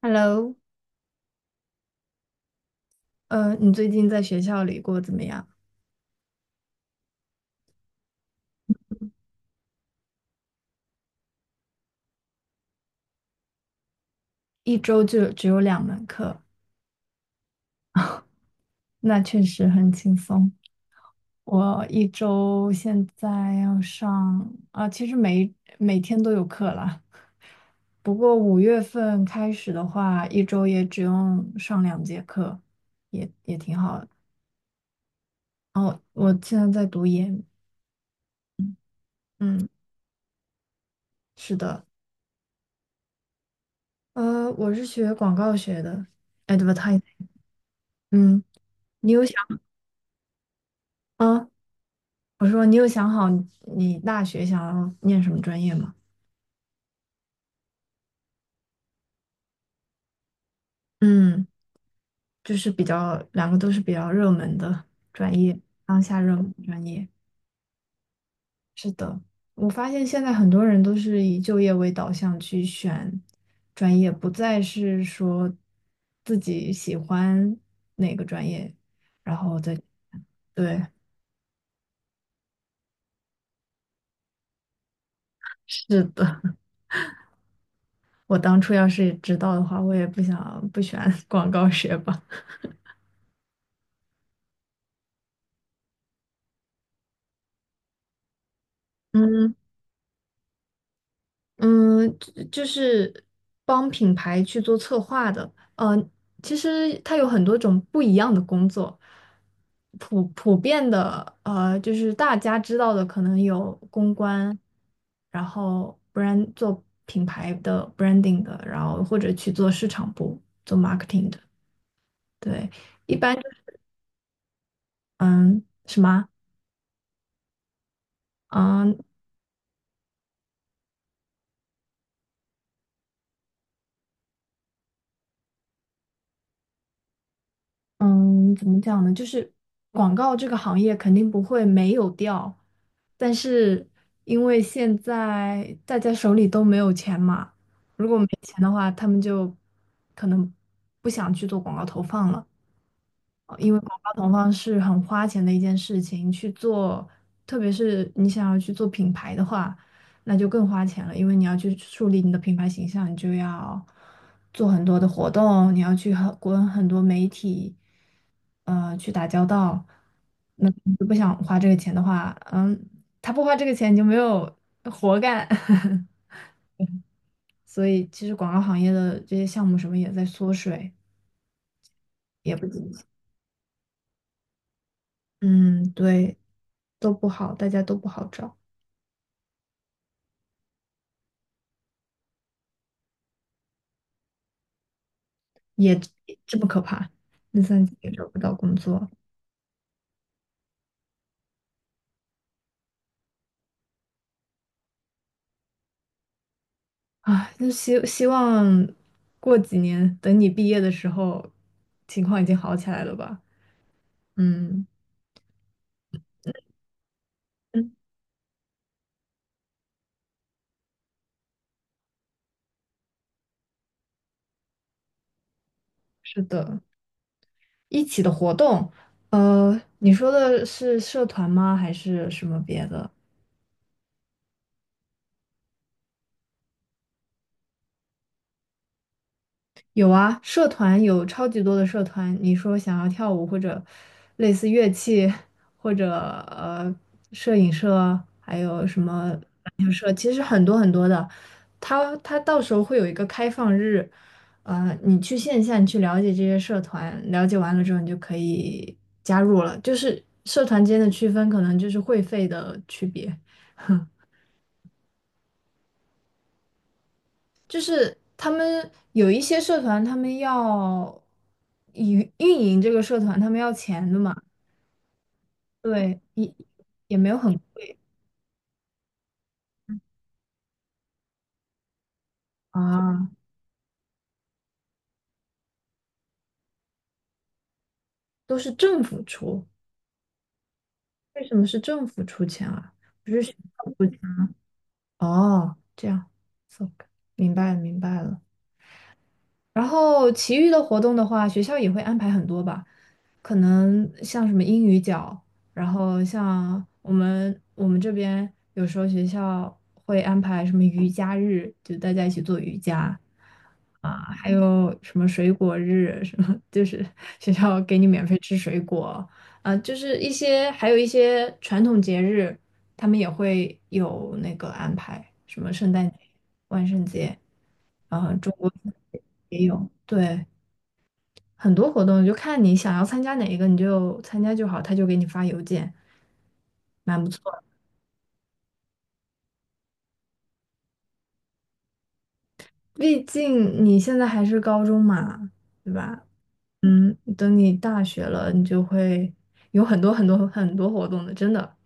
Hello,你最近在学校里过得怎么样？一周就只有2门课，那确实很轻松。我一周现在要上，其实每天都有课啦。不过5月份开始的话，一周也只用上2节课，也挺好的。哦，我现在在读研，嗯，是的，我是学广告学的，advertising,嗯，你有想？啊，我说你有想好你大学想要念什么专业吗？嗯，就是比较两个都是比较热门的专业，当下热门专业。是的，我发现现在很多人都是以就业为导向去选专业，不再是说自己喜欢哪个专业，然后再对，是的，我当初要是知道的话，我也不想不选 广告学吧。嗯。嗯，就是帮品牌去做策划的。呃，其实它有很多种不一样的工作，普遍的，就是大家知道的，可能有公关，然后 brand 做品牌的 branding 的，然后或者去做市场部做 marketing 的。对，一般就是什么啊？嗯。嗯，怎么讲呢？就是广告这个行业肯定不会没有掉，但是因为现在大家手里都没有钱嘛，如果没钱的话，他们就可能不想去做广告投放了。因为广告投放是很花钱的一件事情，去做，特别是你想要去做品牌的话，那就更花钱了，因为你要去树立你的品牌形象，你就要做很多的活动，你要去和跟很多媒体，去打交道。那你不想花这个钱的话，嗯，他不花这个钱，你就没有活干。所以，其实广告行业的这些项目什么也在缩水，也不景气。嗯，对。都不好，大家都不好找，也这么可怕，那三级也找不到工作，啊！就希望过几年，等你毕业的时候，情况已经好起来了吧？嗯嗯，是的，一起的活动，你说的是社团吗？还是什么别的？有啊，社团有超级多的社团。你说想要跳舞或者类似乐器，或者呃摄影社，还有什么篮球社，其实很多很多的。它到时候会有一个开放日，你去线下你去了解这些社团，了解完了之后你就可以加入了。就是社团间的区分可能就是会费的区别。就是他们有一些社团，他们要运营这个社团，他们要钱的嘛，对，也也没有很贵啊，都是政府出。为什么是政府出钱啊？不是学校出钱？哦，这样，so,明白了明白了。然后其余的活动的话，学校也会安排很多吧，可能像什么英语角，然后像我们这边有时候学校会安排什么瑜伽日，就大家一起做瑜伽啊，还有什么水果日，什么就是 学校给你免费吃水果啊，就是一些还有一些传统节日，他们也会有那个安排，什么圣诞节、万圣节。啊，中国也有，对，很多活动就看你想要参加哪一个，你就参加就好，他就给你发邮件，蛮不错的。毕竟你现在还是高中嘛，对吧？嗯，等你大学了，你就会有很多很多很多活动的，真的。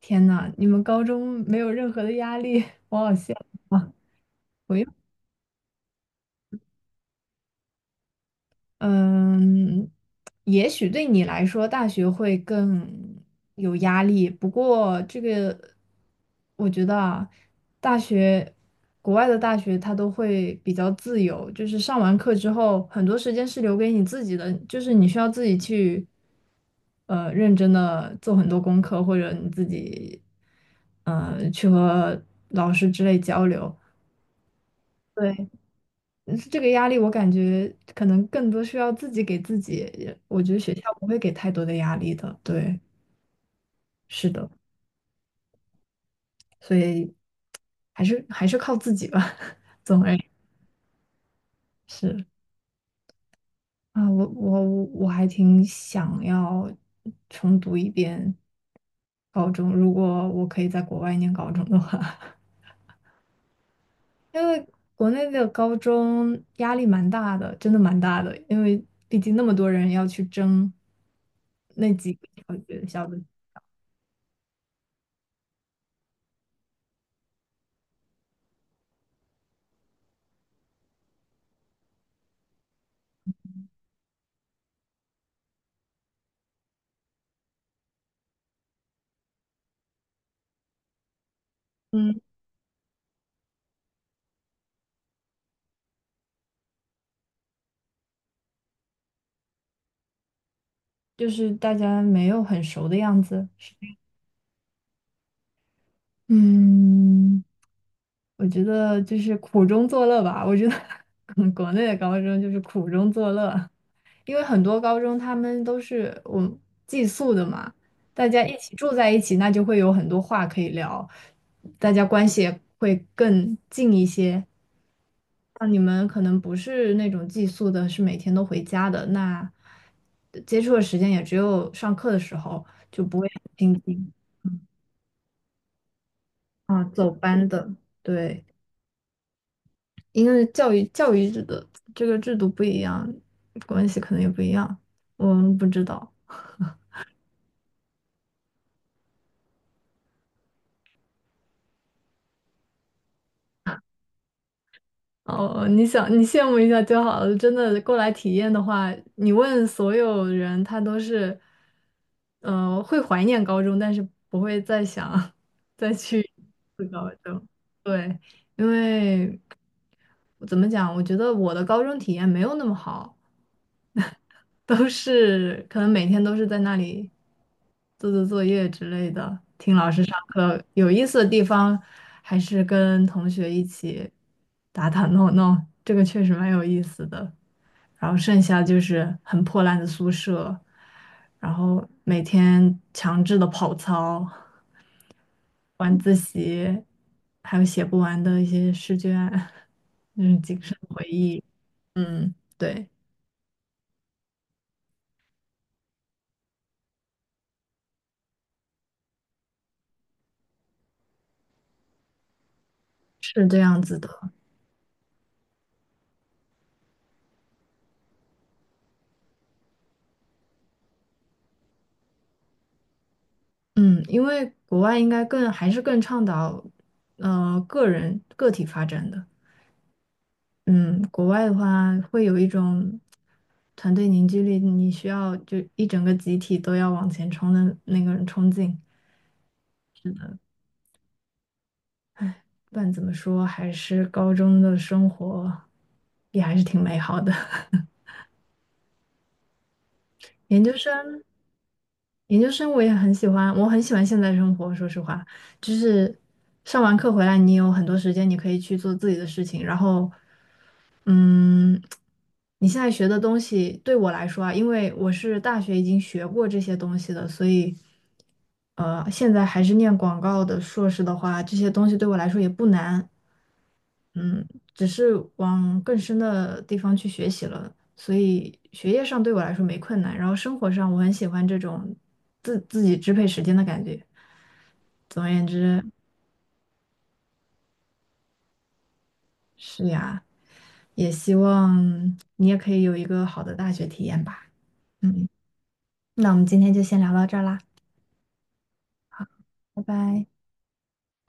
天呐，你们高中没有任何的压力，我好羡慕啊！嗯，也许对你来说，大学会更有压力。不过，这个我觉得啊，大学国外的大学它都会比较自由，就是上完课之后，很多时间是留给你自己的，就是你需要自己去认真的做很多功课，或者你自己去和老师之类交流。对。是这个压力，我感觉可能更多需要自己给自己。我觉得学校不会给太多的压力的，对，是的，所以还是靠自己吧。总而言之，啊，我还挺想要重读一遍高中，如果我可以在国外念高中的话，因为国内的高中压力蛮大的，真的蛮大的，因为毕竟那么多人要去争那几个小学校的，嗯。就是大家没有很熟的样子。是嗯，我觉得就是苦中作乐吧。我觉得 嗯国内的高中就是苦中作乐，因为很多高中他们都是我们寄宿的嘛，大家一起住在一起，那就会有很多话可以聊，大家关系也会更近一些。那你们可能不是那种寄宿的，是每天都回家的，那接触的时间也只有上课的时候，就不会很亲近。嗯。啊，走班的，对，因为教育制的这个制度不一样，关系可能也不一样，我们不知道。哦，你想你羡慕一下就好了。真的过来体验的话，你问所有人，他都是，会怀念高中，但是不会再想 再去读高中。对，因为怎么讲，我觉得我的高中体验没有那么好。都是可能每天都是在那里做做作业之类的，听老师上课。有意思的地方还是跟同学一起打打闹闹，这个确实蛮有意思的。然后剩下就是很破烂的宿舍，然后每天强制的跑操、晚自习，还有写不完的一些试卷，嗯，仅剩回忆。嗯，对，是这样子的。嗯，因为国外应该更还是更倡导，个人个体发展的。嗯，国外的话会有一种团队凝聚力，你需要就一整个集体都要往前冲的那个冲劲。是的，不管怎么说，还是高中的生活也还是挺美好的。研究生，研究生我也很喜欢，我很喜欢现在生活。说实话，就是上完课回来，你有很多时间，你可以去做自己的事情。然后，嗯，你现在学的东西对我来说啊，因为我是大学已经学过这些东西的，所以，现在还是念广告的硕士的话，这些东西对我来说也不难。嗯，只是往更深的地方去学习了，所以学业上对我来说没困难，然后生活上我很喜欢这种自己支配时间的感觉。总而言之，是呀，也希望你也可以有一个好的大学体验吧。嗯，那我们今天就先聊到这儿啦，拜拜。